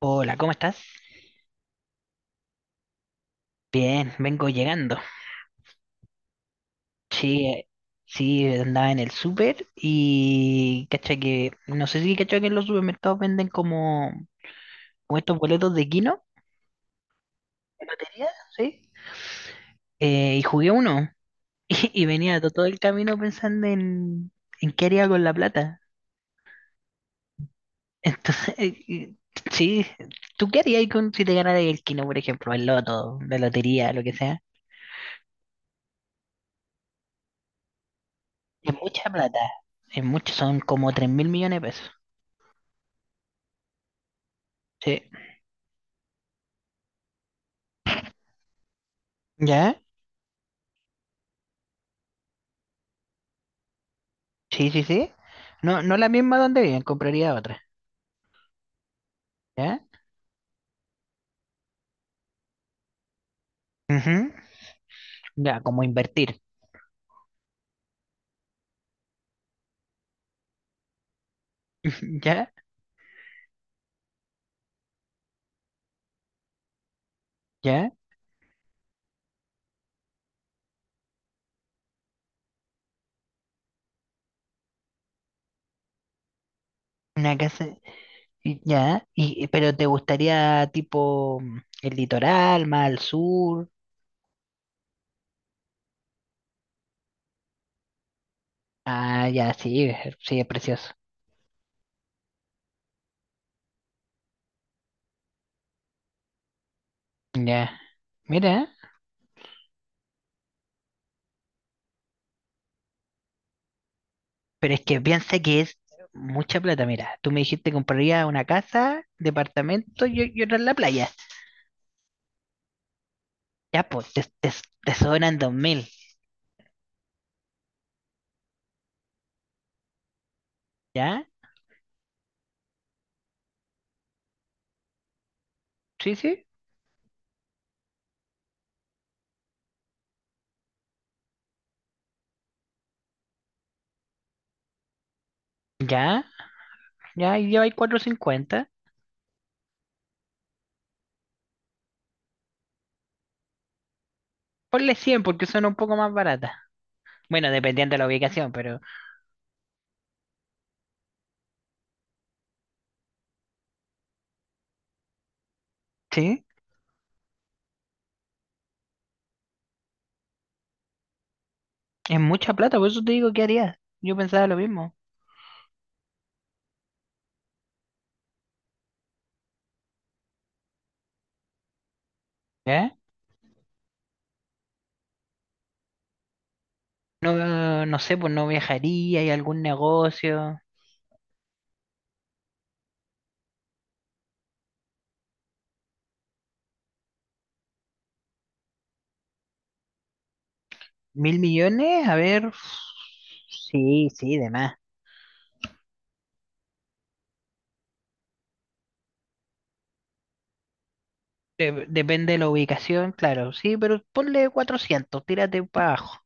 Hola, ¿cómo estás? Bien, vengo llegando. Sí, sí, andaba en el súper y cacha que, no sé si cacha que en los supermercados venden como estos boletos de Kino, de lotería, ¿sí? Y jugué uno y venía todo el camino pensando en qué haría con la plata. Entonces, y- sí, ¿tú qué harías si te ganara el Kino, por ejemplo, el loto, la lotería, lo que sea? Es mucha plata, es mucho, son como 3.000 millones de pesos. Sí. ¿Ya? Sí, sí, sí. No, no la misma donde viven, compraría otra. ¿Ya? Ujú. Ya, como invertir. ¿Ya? ¿Ya? Una casa. ¿Ya? Y, pero te gustaría tipo el litoral, más al sur. Ah, ya, sí, sí, es precioso. Ya. Mira, pero es que piensa que es mucha plata. Mira, tú me dijiste que compraría una casa, departamento y otra en la playa. Ya, pues, te sobran 2.000. ¿Ya? Sí, sí. Ya. Ya, y lleva ahí 450. Ponle 100 porque son un poco más baratas. Bueno, dependiendo de la ubicación, pero sí, es mucha plata, por eso te digo, ¿qué harías? Yo pensaba lo mismo. ¿Eh? No, no sé, pues no viajaría, hay algún negocio. ¿1.000 millones? A ver. Sí, sí, de más. Depende de la ubicación, claro, sí, pero ponle 400 tírate para abajo.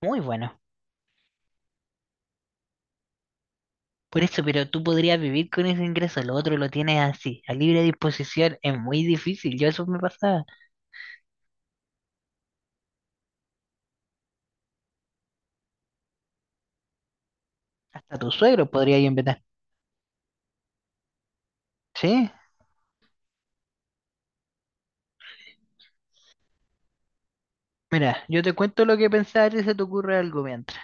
Muy bueno. Por eso, pero tú podrías vivir con ese ingreso, lo otro lo tienes así, a libre disposición, es muy difícil, yo eso me pasaba. Hasta tu suegro podría ir invitar. Sí, mira, yo te cuento lo que pensaba y se te ocurre algo mientras.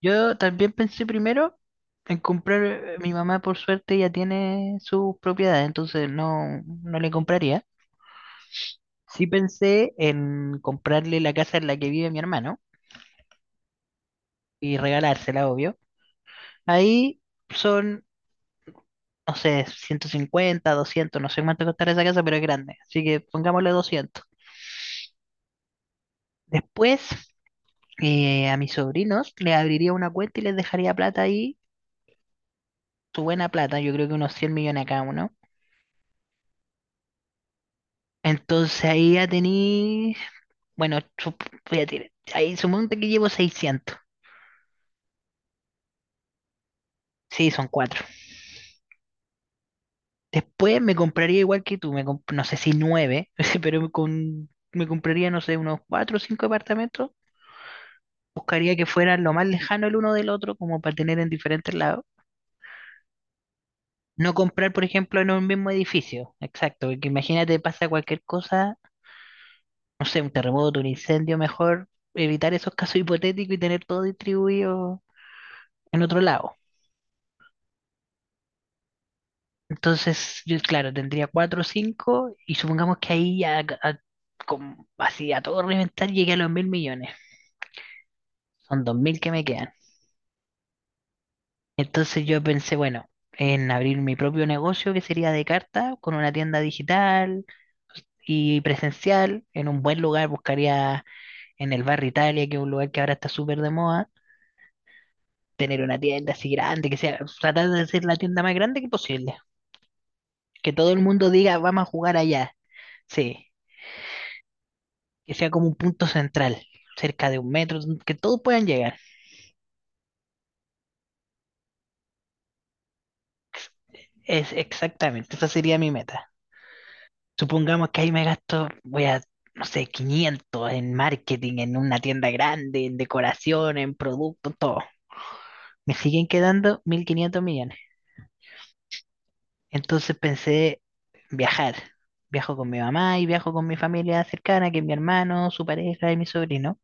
Yo también pensé primero en comprar, mi mamá por suerte ya tiene sus propiedades, entonces no, no le compraría. Sí pensé en comprarle la casa en la que vive mi hermano y regalársela, obvio. Ahí son, no sé, 150, 200, no sé cuánto costará esa casa, pero es grande, así que pongámosle 200. Después a mis sobrinos, les abriría una cuenta y les dejaría plata ahí, su buena plata, yo creo que unos 100 millones a cada uno. Entonces ahí ya tení, bueno, voy a tirar, ahí sumonte que llevo 600. Sí, son cuatro. Después me compraría igual que tú, no sé si nueve, pero me compraría, no sé, unos cuatro o cinco departamentos. Buscaría que fueran lo más lejano el uno del otro, como para tener en diferentes lados. No comprar, por ejemplo, en un mismo edificio. Exacto, porque imagínate, pasa cualquier cosa, no sé, un terremoto, un incendio, mejor evitar esos casos hipotéticos y tener todo distribuido en otro lado. Entonces, yo, claro, tendría cuatro o cinco y supongamos que ahí ya, así a todo reventar llegué a los 1.000 millones. Son 2.000 que me quedan. Entonces yo pensé, bueno, en abrir mi propio negocio que sería de carta, con una tienda digital y presencial, en un buen lugar, buscaría en el barrio Italia, que es un lugar que ahora está súper de moda, tener una tienda así grande, que sea, tratar de hacer la tienda más grande que posible. Que todo el mundo diga, vamos a jugar allá. Sí, que sea como un punto central, cerca de un metro, que todos puedan llegar. Es exactamente, esa sería mi meta. Supongamos que ahí me gasto, voy a, no sé, 500 en marketing, en una tienda grande, en decoración, en producto, todo. Me siguen quedando 1.500 millones. Entonces pensé viajar. Viajo con mi mamá y viajo con mi familia cercana, que es mi hermano, su pareja y mi sobrino.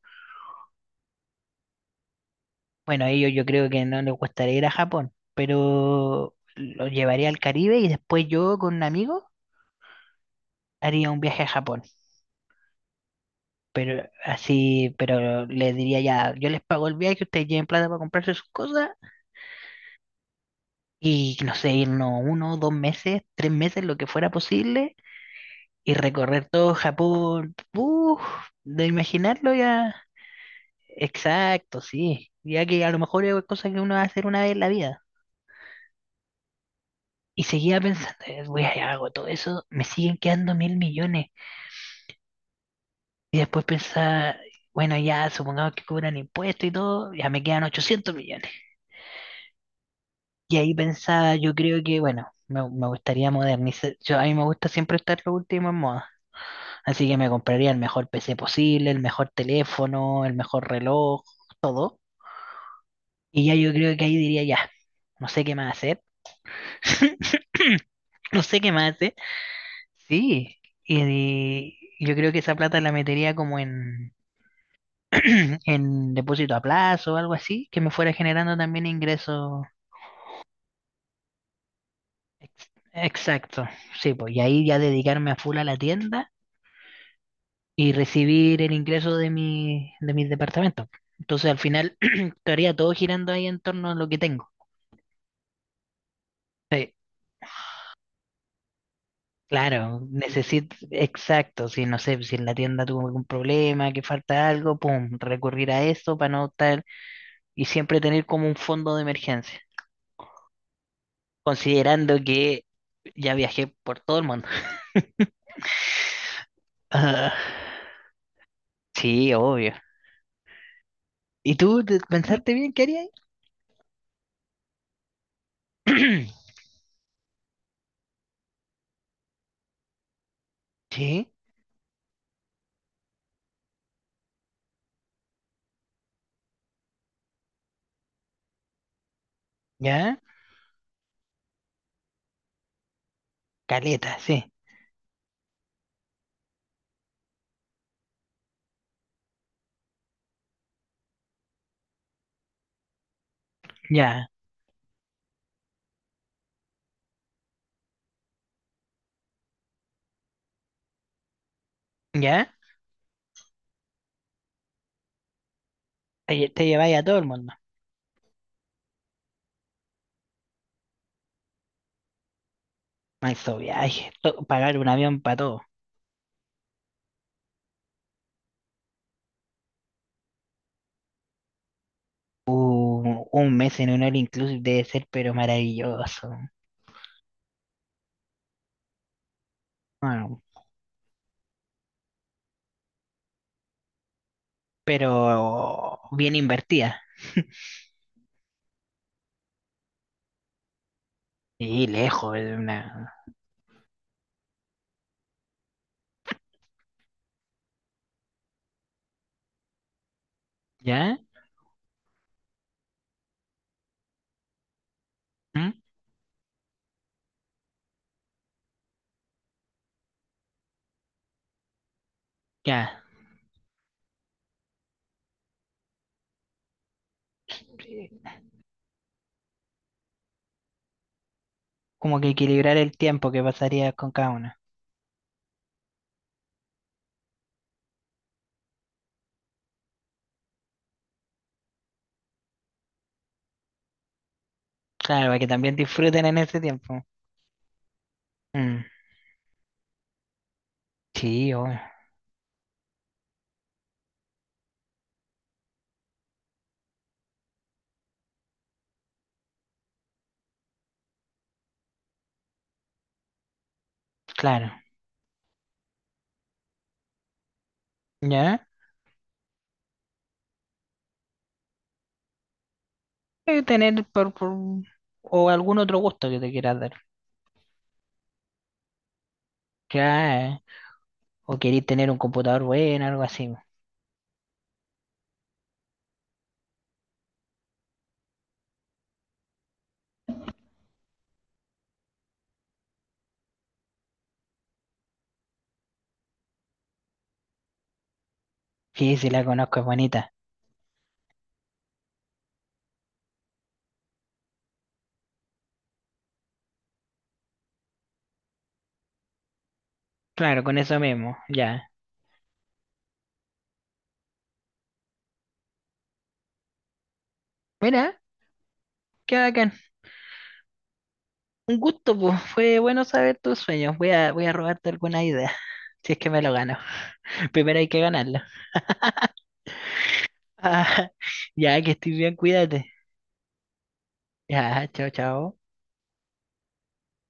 Bueno, a ellos yo creo que no les gustaría ir a Japón, pero los llevaría al Caribe y después yo con un amigo haría un viaje a Japón. Pero así, pero les diría ya, yo les pago el viaje, ustedes lleven plata para comprarse sus cosas y no sé, irnos uno, 2 meses, 3 meses, lo que fuera posible y recorrer todo Japón. Uf, de imaginarlo ya. Exacto, sí. Ya que a lo mejor es cosa que uno va a hacer una vez en la vida. Y seguía pensando, voy a hago todo eso, me siguen quedando 1.000 millones. Y después pensaba, bueno, ya supongamos que cobran impuestos y todo, ya me quedan 800 millones. Y ahí pensaba, yo creo que, bueno, me gustaría modernizar. Yo, a mí me gusta siempre estar lo último en moda. Así que me compraría el mejor PC posible, el mejor teléfono, el mejor reloj, todo. Y ya yo creo que ahí diría, ya, no sé qué más hacer. No sé qué más hace. Sí, y, y yo creo que esa plata la metería como en, en depósito a plazo o algo así, que me fuera generando también ingresos. Exacto, sí, pues, y ahí ya dedicarme a full a la tienda y recibir el ingreso de mis departamentos. Entonces al final estaría todo girando ahí en torno a lo que tengo. Sí, claro, necesito, exacto, si no sé, si en la tienda tuvo algún problema, que falta algo, pum, recurrir a esto para no estar, y siempre tener como un fondo de emergencia, considerando que ya viajé por todo el mundo. Ah, sí, obvio. ¿Y tú pensaste bien qué harías? Sí, ya, caleta, sí, ya, ya. Te lleváis a todo el mundo. Maestro viaje, pagar un avión para todo. Un mes en un all inclusive debe ser, pero maravilloso. Bueno, pero bien invertida. Sí, lejos de una. ¿Ya? ¿Mm? Ya. Como que equilibrar el tiempo que pasaría con cada una. Claro, para que también disfruten en ese tiempo. Mm, sí, obvio, claro. ¿Ya? Y tener o algún otro gusto que te quieras dar. Ya, o querís tener un computador bueno, algo así. Sí, sí, la conozco, es bonita. Claro, con eso mismo, ya. Mira, qué bacán. Un gusto, pues. Fue bueno saber tus sueños. Voy a robarte alguna idea, si es que me lo gano. Primero hay que ganarlo. Ah, ya, que estoy bien, cuídate. Ya, chao, chao.